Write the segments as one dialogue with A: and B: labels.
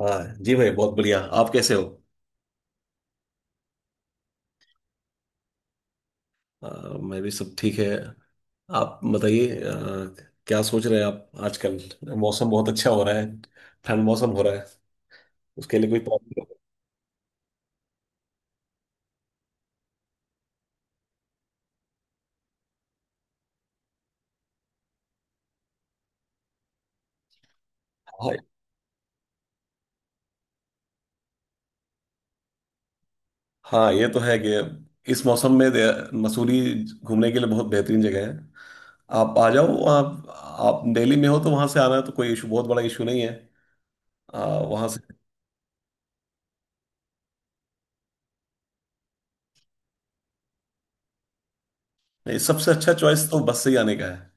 A: हाँ जी भाई, बहुत बढ़िया। आप कैसे हो? अ, मैं भी सब ठीक है। आप बताइए। क्या सोच रहे हैं आप आजकल? मौसम बहुत अच्छा हो रहा है। ठंड मौसम हो रहा है। उसके लिए कोई प्रॉब्लम। हाँ। हाँ ये तो है कि इस मौसम में मसूरी घूमने के लिए बहुत बेहतरीन जगह है। आप आ जाओ। आप दिल्ली में हो तो वहाँ से आना तो कोई इशू, बहुत बड़ा इशू नहीं है। अ, वहाँ से सबसे अच्छा चॉइस तो बस से ही आने का है,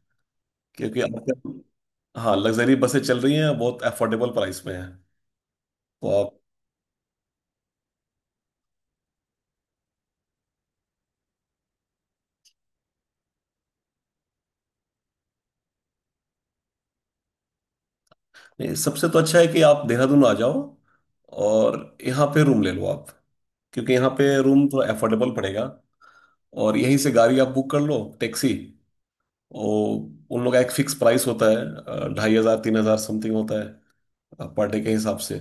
A: क्योंकि आजकल हाँ, लग्जरी बसें चल रही हैं, बहुत अफोर्डेबल प्राइस में है। तो आप नहीं, सबसे तो अच्छा है कि आप देहरादून आ जाओ और यहाँ पे रूम ले लो आप, क्योंकि यहाँ पे रूम थोड़ा अफोर्डेबल पड़ेगा। और यहीं से गाड़ी आप बुक कर लो, टैक्सी। और उन लोग का एक फिक्स प्राइस होता है, 2,500 3,000 समथिंग होता है पर डे के हिसाब से।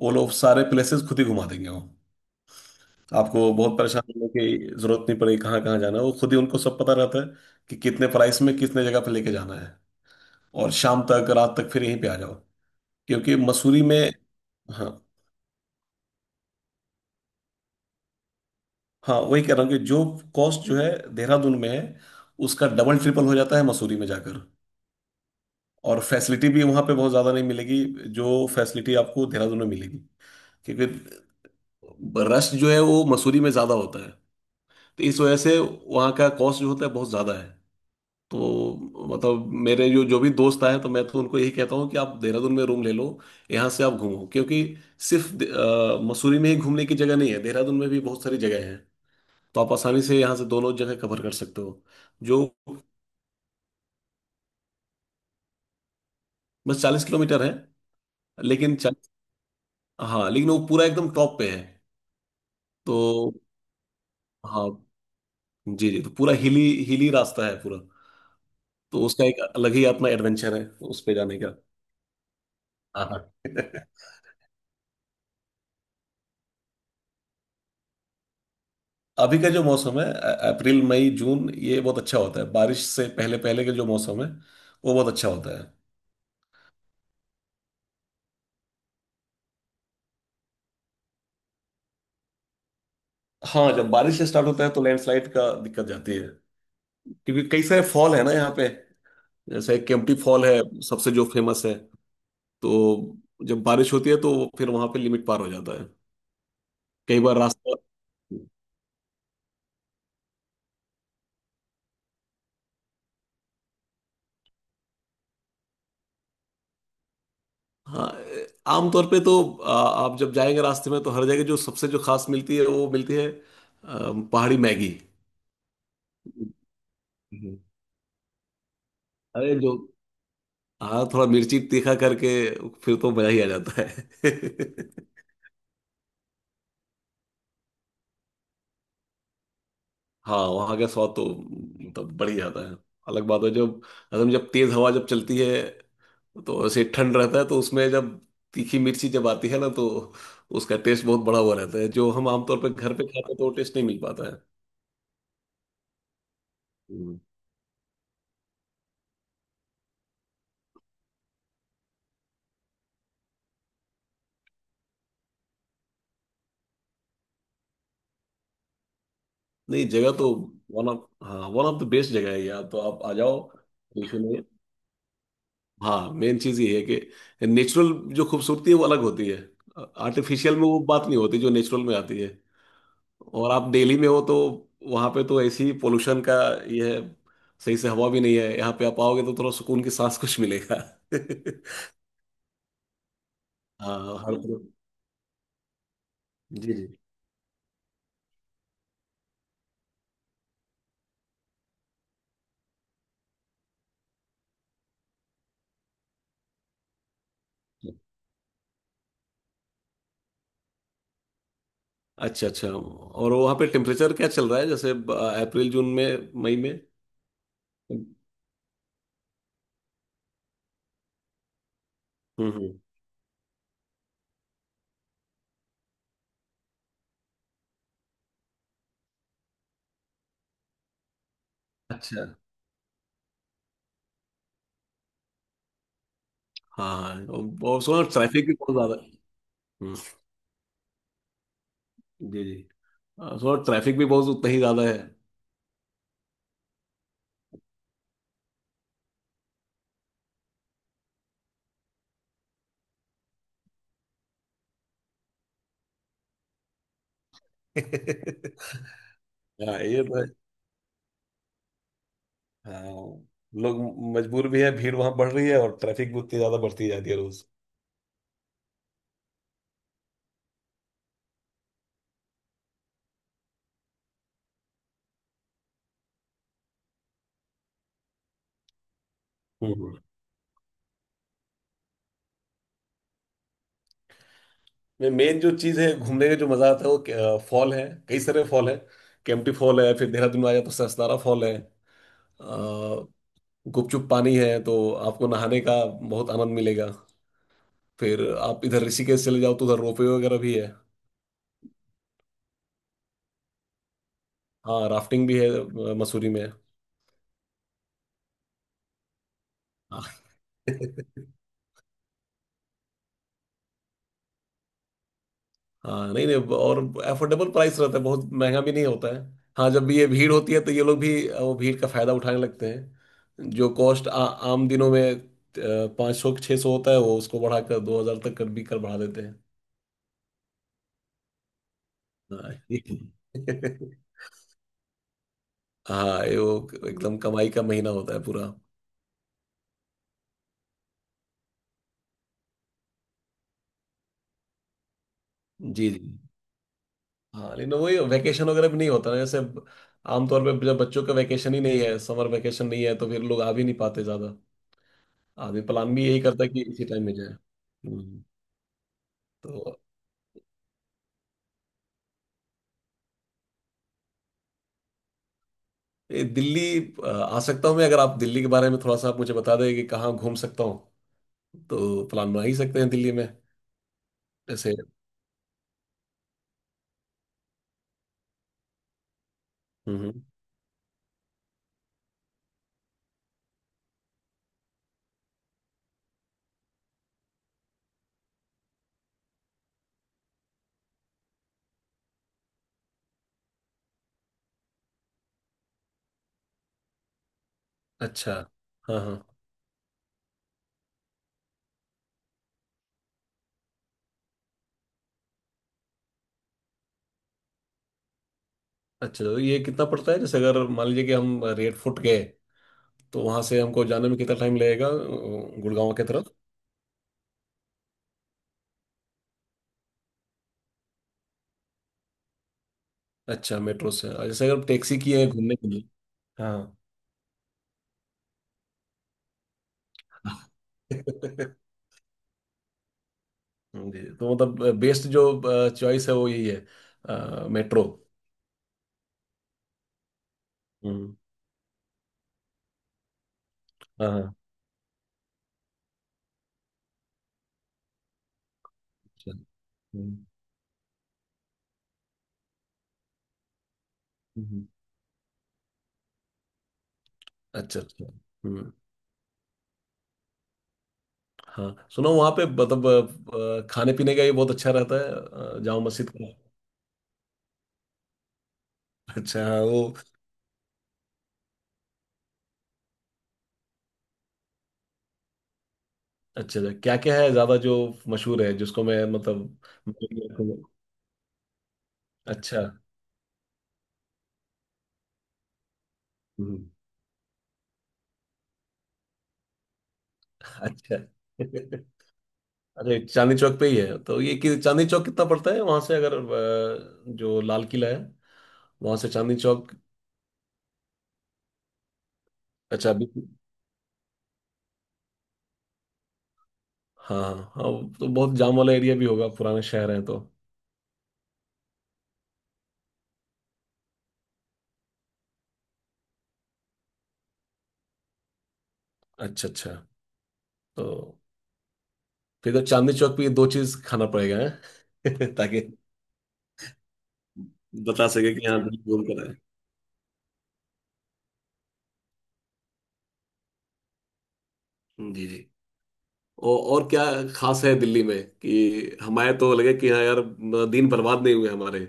A: वो लोग सारे प्लेसेस खुद ही घुमा देंगे वो। आपको बहुत परेशान होने की जरूरत नहीं पड़ेगी, कहाँ कहाँ जाना है वो खुद ही, उनको सब पता रहता है कि कितने प्राइस में कितने जगह पे लेके जाना है। और शाम तक, रात तक फिर यहीं पे आ जाओ, क्योंकि मसूरी में। हाँ, हाँ वही कह रहा हूँ कि जो कॉस्ट जो है देहरादून में है, उसका डबल ट्रिपल हो जाता है मसूरी में जाकर। और फैसिलिटी भी वहाँ पे बहुत ज़्यादा नहीं मिलेगी जो फैसिलिटी आपको देहरादून में मिलेगी, क्योंकि रश जो है वो मसूरी में ज़्यादा होता है। तो इस वजह से वहाँ का कॉस्ट जो होता है बहुत ज़्यादा है। तो मतलब मेरे जो जो भी दोस्त आए तो मैं तो उनको यही कहता हूँ कि आप देहरादून में रूम ले लो। यहाँ से आप घूमो, क्योंकि सिर्फ मसूरी में ही घूमने की जगह नहीं है, देहरादून में भी बहुत सारी जगह है। तो आप आसानी से यहाँ से दोनों जगह कवर कर सकते हो। जो बस 40 किलोमीटर है। लेकिन 40, हाँ लेकिन वो पूरा एकदम टॉप पे है तो। हाँ, जी जी तो पूरा हिली, हिली रास्ता है पूरा। तो उसका एक अलग ही अपना एडवेंचर है उस पे जाने का। हाँ हाँ। अभी का जो मौसम है, अप्रैल मई जून ये बहुत अच्छा होता है, बारिश से पहले पहले का जो मौसम है वो बहुत अच्छा होता है। हाँ, जब बारिश स्टार्ट होता है तो लैंडस्लाइड का दिक्कत जाती है, क्योंकि कई सारे फॉल है ना यहाँ पे, जैसे केम्प्टी फॉल है, सबसे जो फेमस है। तो जब बारिश होती है तो फिर वहां पे लिमिट पार हो जाता है, कई बार रास्ता। हाँ आमतौर पे तो आप जब जाएंगे रास्ते में तो हर जगह जो सबसे जो खास मिलती है वो मिलती है, पहाड़ी मैगी। हम्म। अरे जो, हाँ थोड़ा मिर्ची तीखा करके फिर तो मजा ही आ जाता है। हाँ वहाँ का स्वाद तो मतलब बढ़ ही जाता है। अलग बात है जब असम, जब तेज हवा जब चलती है तो ऐसे ठंड रहता है, तो उसमें जब तीखी मिर्ची जब आती है ना तो उसका टेस्ट बहुत बड़ा हुआ रहता है। जो हम आमतौर पर घर पे खाते हैं तो वो टेस्ट नहीं मिल पाता है। हम्म। नहीं, जगह तो वन ऑफ, हाँ वन ऑफ द बेस्ट जगह है यार, तो आप आ जाओ, टेंशन नहीं है। हाँ मेन चीज़ ये है कि नेचुरल जो खूबसूरती है वो अलग होती है। आर्टिफिशियल में वो बात नहीं होती जो नेचुरल में आती है। और आप दिल्ली में हो तो वहां पे तो ऐसी पोल्यूशन का ये है, सही से हवा भी नहीं है। यहाँ पे आप आओगे तो थोड़ा सुकून की सांस कुछ मिलेगा। हाँ, हर तरफ। जी जी। अच्छा अच्छा, और वहाँ पे टेम्परेचर क्या चल रहा है, जैसे अप्रैल, जून में, मई में? हम्म हम्म। अच्छा, हाँ हाँ। और सुना ट्रैफिक भी बहुत ज्यादा है। हम्म। जी जी। और सुना ट्रैफिक भी बहुत उतना ही ज्यादा है। हाँ ये तो है। हाँ, लोग मजबूर भी है, भीड़ वहां बढ़ रही है और ट्रैफिक भी उतनी ज्यादा बढ़ती जाती है रोज। हम्म। मैं मेन जो चीज है, घूमने का जो मजा आता है वो फॉल है, कई सारे फॉल है। केम्प्टी फॉल है, फिर देहरादून में आ जाए तो ससनारा फॉल है। अ, गुपचुप पानी है तो आपको नहाने का बहुत आनंद मिलेगा। फिर आप इधर ऋषिकेश चले जाओ तो उधर रोपवे वगैरह भी है। हाँ राफ्टिंग भी है, मसूरी में। हाँ। हाँ नहीं नहीं, और अफोर्डेबल प्राइस रहता है, बहुत महंगा भी नहीं होता है। हाँ जब भी ये भीड़ होती है तो ये लोग भी, वो भीड़ का फायदा उठाने लगते हैं। जो कॉस्ट आम दिनों में 500 600 होता है वो उसको बढ़ाकर 2,000 तक कर बढ़ा देते हैं। हाँ। हाँ, ये वो एकदम कमाई का महीना होता है पूरा। जी जी। हाँ लेकिन वही वैकेशन वगैरह भी नहीं होता ना, जैसे आमतौर पे जब बच्चों का वैकेशन ही नहीं है, समर वैकेशन नहीं है, तो फिर लोग आ भी नहीं पाते ज़्यादा। आदमी प्लान भी यही करता है कि इसी टाइम में जाए। तो ये दिल्ली, आ सकता हूँ मैं, अगर आप दिल्ली के बारे में थोड़ा सा आप मुझे बता दें कि कहाँ घूम सकता हूँ, तो प्लान बना ही सकते हैं दिल्ली में। जैसे। हम्म। अच्छा। हाँ हाँ। अच्छा तो ये कितना पड़ता है, जैसे अगर मान लीजिए कि हम रेड फुट गए, तो वहाँ से हमको जाने में कितना टाइम लगेगा गुड़गांव की तरफ? अच्छा मेट्रो से। और जैसे अगर टैक्सी की है घूमने के लिए? हाँ। जी, तो मतलब बेस्ट जो चॉइस है वो यही है मेट्रो। हम्म। हाँ हाँ। अच्छा, हम्म, हम्म। अच्छा अच्छा। हम्म। हाँ सुनो, वहाँ पे मतलब खाने पीने का ये बहुत अच्छा रहता है? जामा मस्जिद का? अच्छा, हाँ वो। अच्छा अच्छा, क्या क्या है ज्यादा जो मशहूर है, जिसको मैं मतलब? अच्छा। हम्म। अच्छा। अरे चांदनी चौक पे ही है? तो ये कि चांदनी चौक कितना पड़ता है वहां से, अगर जो लाल किला है वहां से चांदनी चौक? अच्छा, अभी तो, हाँ हाँ हाँ, तो बहुत जाम वाला एरिया भी होगा, पुराने शहर है तो। अच्छा अच्छा। तो फिर तो चांदनी चौक पे ये दो चीज खाना पड़ेगा हैं? ताकि बता सके कि यहाँ अच्छा घूम कर आए। जी जी। और क्या खास है दिल्ली में, कि हमारे तो लगे कि हाँ यार, दिन बर्बाद नहीं हुए हमारे।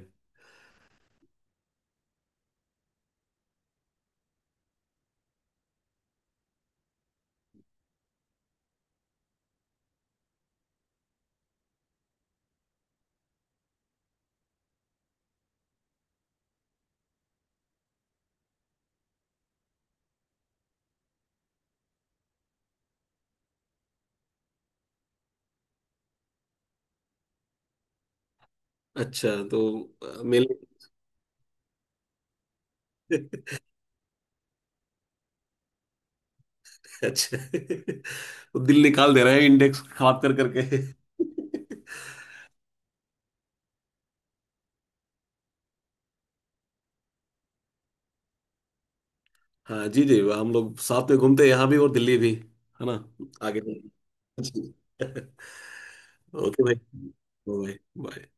A: अच्छा तो मेले। अच्छा तो दिल निकाल दे रहे हैं इंडेक्स खराब कर करके। हाँ जी जी, हम लोग साथ में घूमते हैं, यहाँ भी और दिल्ली भी, है ना? आगे। जी। ओके भाई, बाय। बाय।